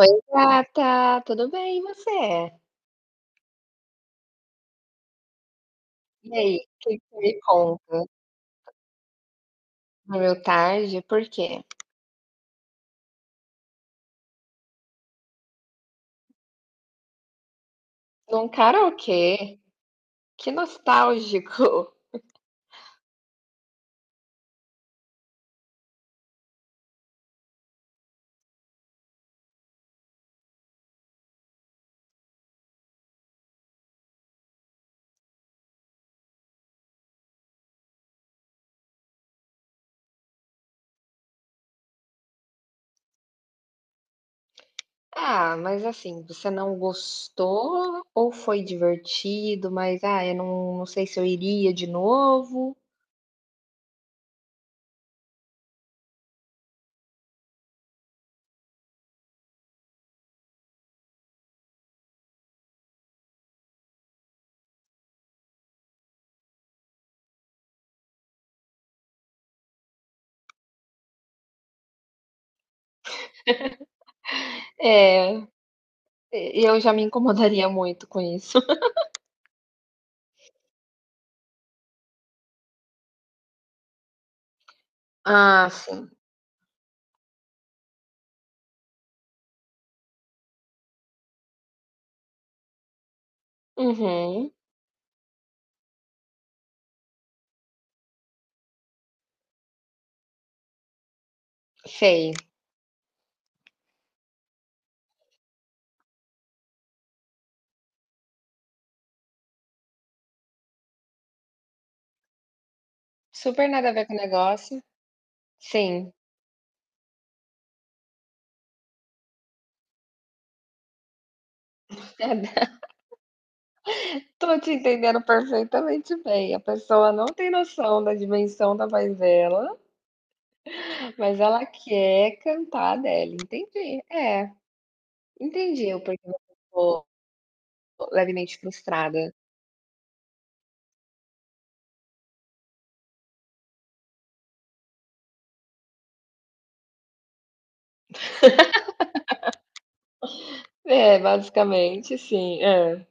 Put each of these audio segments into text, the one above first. Oi, gata, tudo bem e você? E aí, o que você me conta? Meu tarde? Por quê? Num karaokê? Que nostálgico! Ah, mas assim, você não gostou ou foi divertido, mas eu não sei se eu iria de novo. É, e eu já me incomodaria muito com isso. Ah, sim. Uhum. Sei. Super nada a ver com o negócio. Sim. Tô te entendendo perfeitamente bem. A pessoa não tem noção da dimensão da voz dela, mas ela quer cantar a Adele. Entendi. É, entendi o porquê você ficou levemente frustrada. É, basicamente sim. Hã.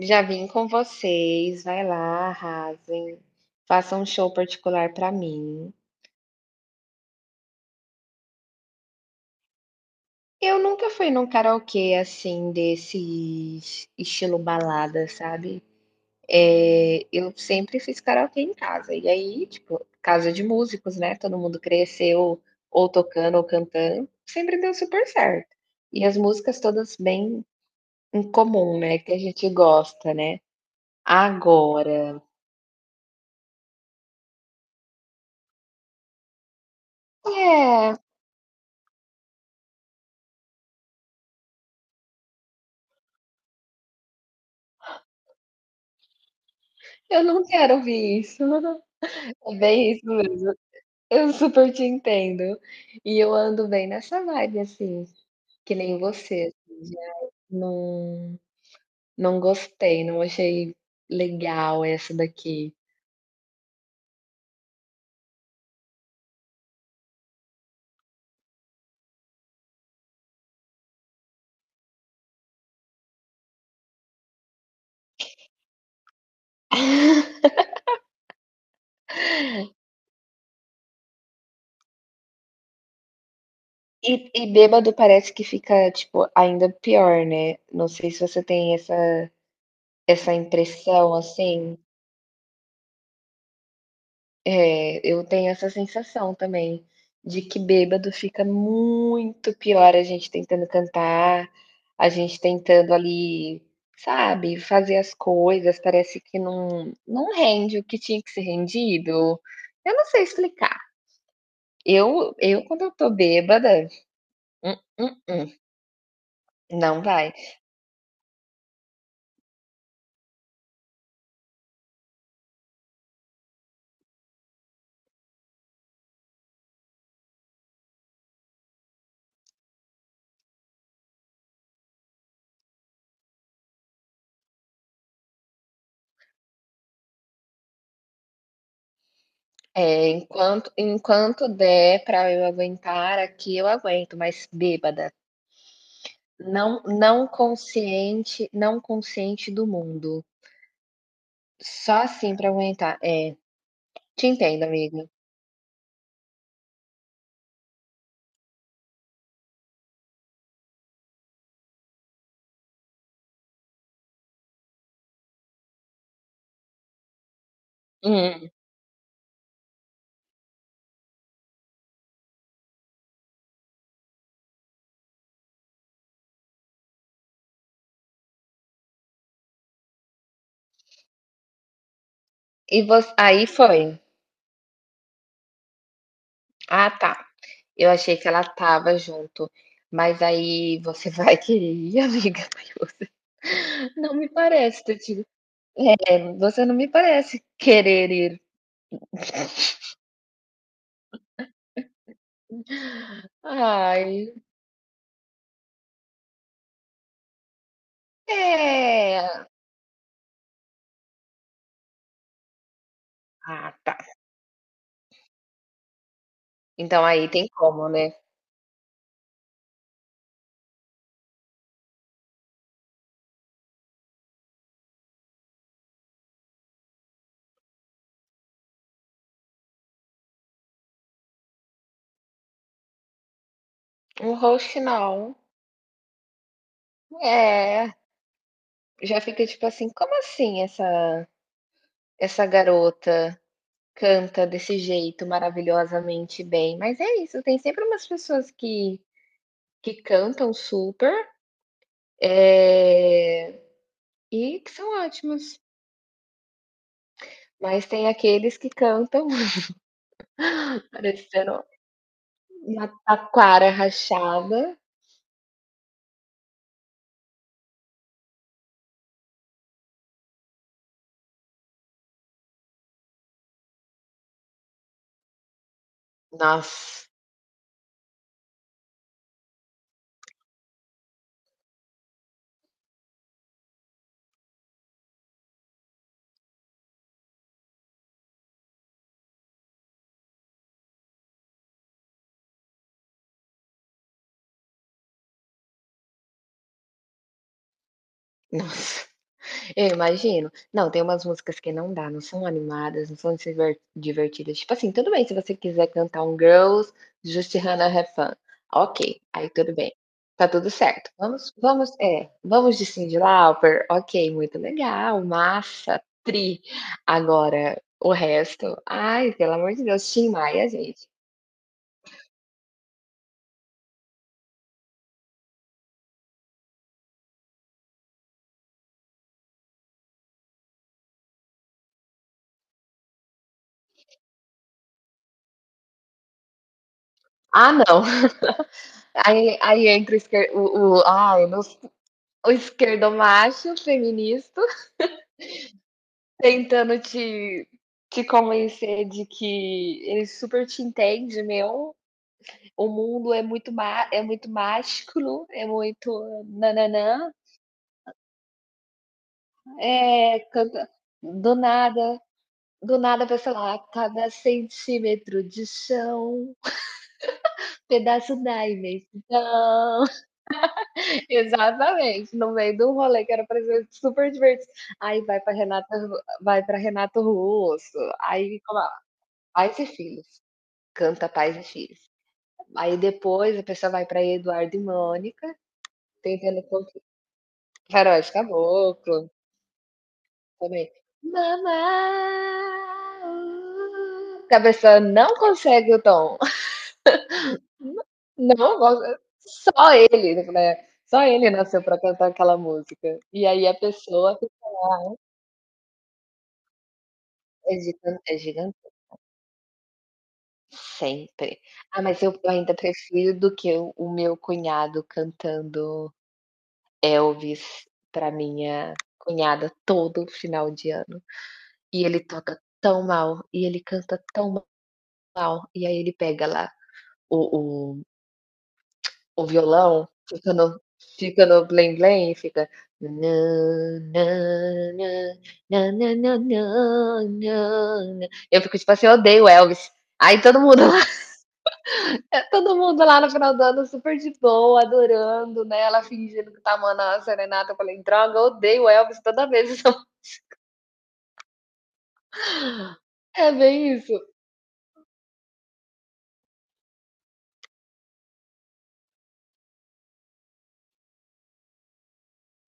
Já vim com vocês, vai lá, arrasem, façam um show particular pra mim. Eu nunca fui num karaokê, assim, desse estilo balada, sabe? Eu sempre fiz karaokê em casa, e aí, tipo, casa de músicos, né, todo mundo cresceu ou tocando ou cantando, sempre deu super certo. E as músicas todas bem em comum, né, que a gente gosta, né. Agora é, eu não quero ouvir isso. É bem isso mesmo. Eu super te entendo. E eu ando bem nessa vibe, assim, que nem você, assim, de não não gostei, não achei legal essa daqui. E bêbado parece que fica, tipo, ainda pior, né. Não sei se você tem essa impressão, assim. É, eu tenho essa sensação também, de que bêbado fica muito pior, a gente tentando cantar, a gente tentando ali, sabe, fazer as coisas, parece que não rende o que tinha que ser rendido. Eu não sei explicar. Eu quando eu tô bêbada, hum, hum, hum, não vai. É, enquanto der para eu aguentar aqui, eu aguento, mas bêbada, não não consciente do mundo. Só assim para aguentar. É, te entendo, amiga. Hum. E voc aí foi. Ah, tá. Eu achei que ela tava junto, mas aí você vai querer ir, amiga? Mas você não me parece, tô te é, você não me parece querer ir. Ai, é. Ah, tá. Então aí tem como, né? Um roast não. É, já fica tipo assim: "Como assim essa garota canta desse jeito maravilhosamente bem?". Mas é isso, tem sempre umas pessoas que cantam super, eh, e que são ótimos. Mas tem aqueles que cantam parecendo uma taquara rachada. Nossa, Nossa. Eu imagino. Não, tem umas músicas que não dá, não são animadas, não são divertidas. Tipo assim, tudo bem se você quiser cantar um Girls Just Hannah Have Fun. Ok, aí tudo bem, tá tudo certo. Vamos é, vamos de Cyndi Lauper, ok, muito legal, massa, tri. Agora, o resto, ai, pelo amor de Deus, Tim Maia, gente. Ah, não. Aí entra o esquer o ai, nos o esquerdomacho feminista. Tentando te convencer de que ele super te entende, meu, o mundo é muito má é muito mágico, é muito nananã nã, canta do nada, do nada vai, sei lá, cada centímetro de chão, pedaço da imensidão. Exatamente, no meio do rolê que era pra ser super divertido. Aí vai pra Renato Russo, aí colo aí se Filhos, canta Pais e Filhos. Aí depois a pessoa vai para Eduardo e Mônica, tentando conqui Faróis de Caboclo, também. Mamá, que a pessoa não consegue o tom. Não gosta só ele, né, só ele nasceu para cantar aquela música. E aí a pessoa é gigante sempre. Ah, mas eu ainda prefiro do que o meu cunhado cantando Elvis para minha cunhada todo final de ano. E ele toca tão mal, e ele canta tão mal, e aí ele pega lá o o o violão, fica no blém-blém e fica nã nã nã, nã nã nã nã nã nã. Eu fico tipo assim: "Eu odeio Elvis". Aí todo mundo lá todo mundo lá no final do ano super de boa, adorando, né, ela fingindo que tá amando a serenata, eu falei: "Droga, eu odeio Elvis toda vez". É bem isso.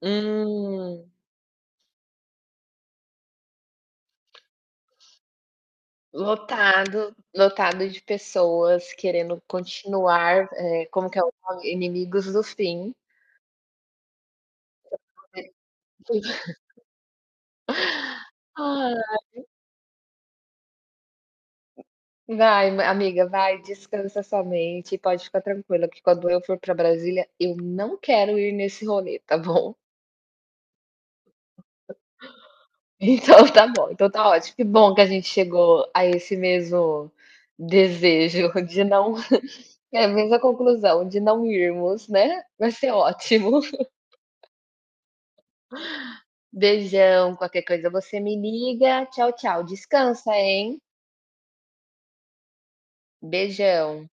Hum. Lotado, lotado de pessoas querendo continuar, como que é o nome? Inimigos do fim. Ah, vai, ma- amiga, vai, descansa sua mente e pode ficar tranquila que quando eu for para Brasília, eu não quero ir nesse rolê, tá bom? Então tá bom, então tá ótimo. Que bom que a gente chegou a esse mesmo desejo de não é a mesma conclusão, de não irmos, né? Vai ser ótimo. Beijão, qualquer coisa você me liga. Tchau, tchau. Descansa, hein? Beijão.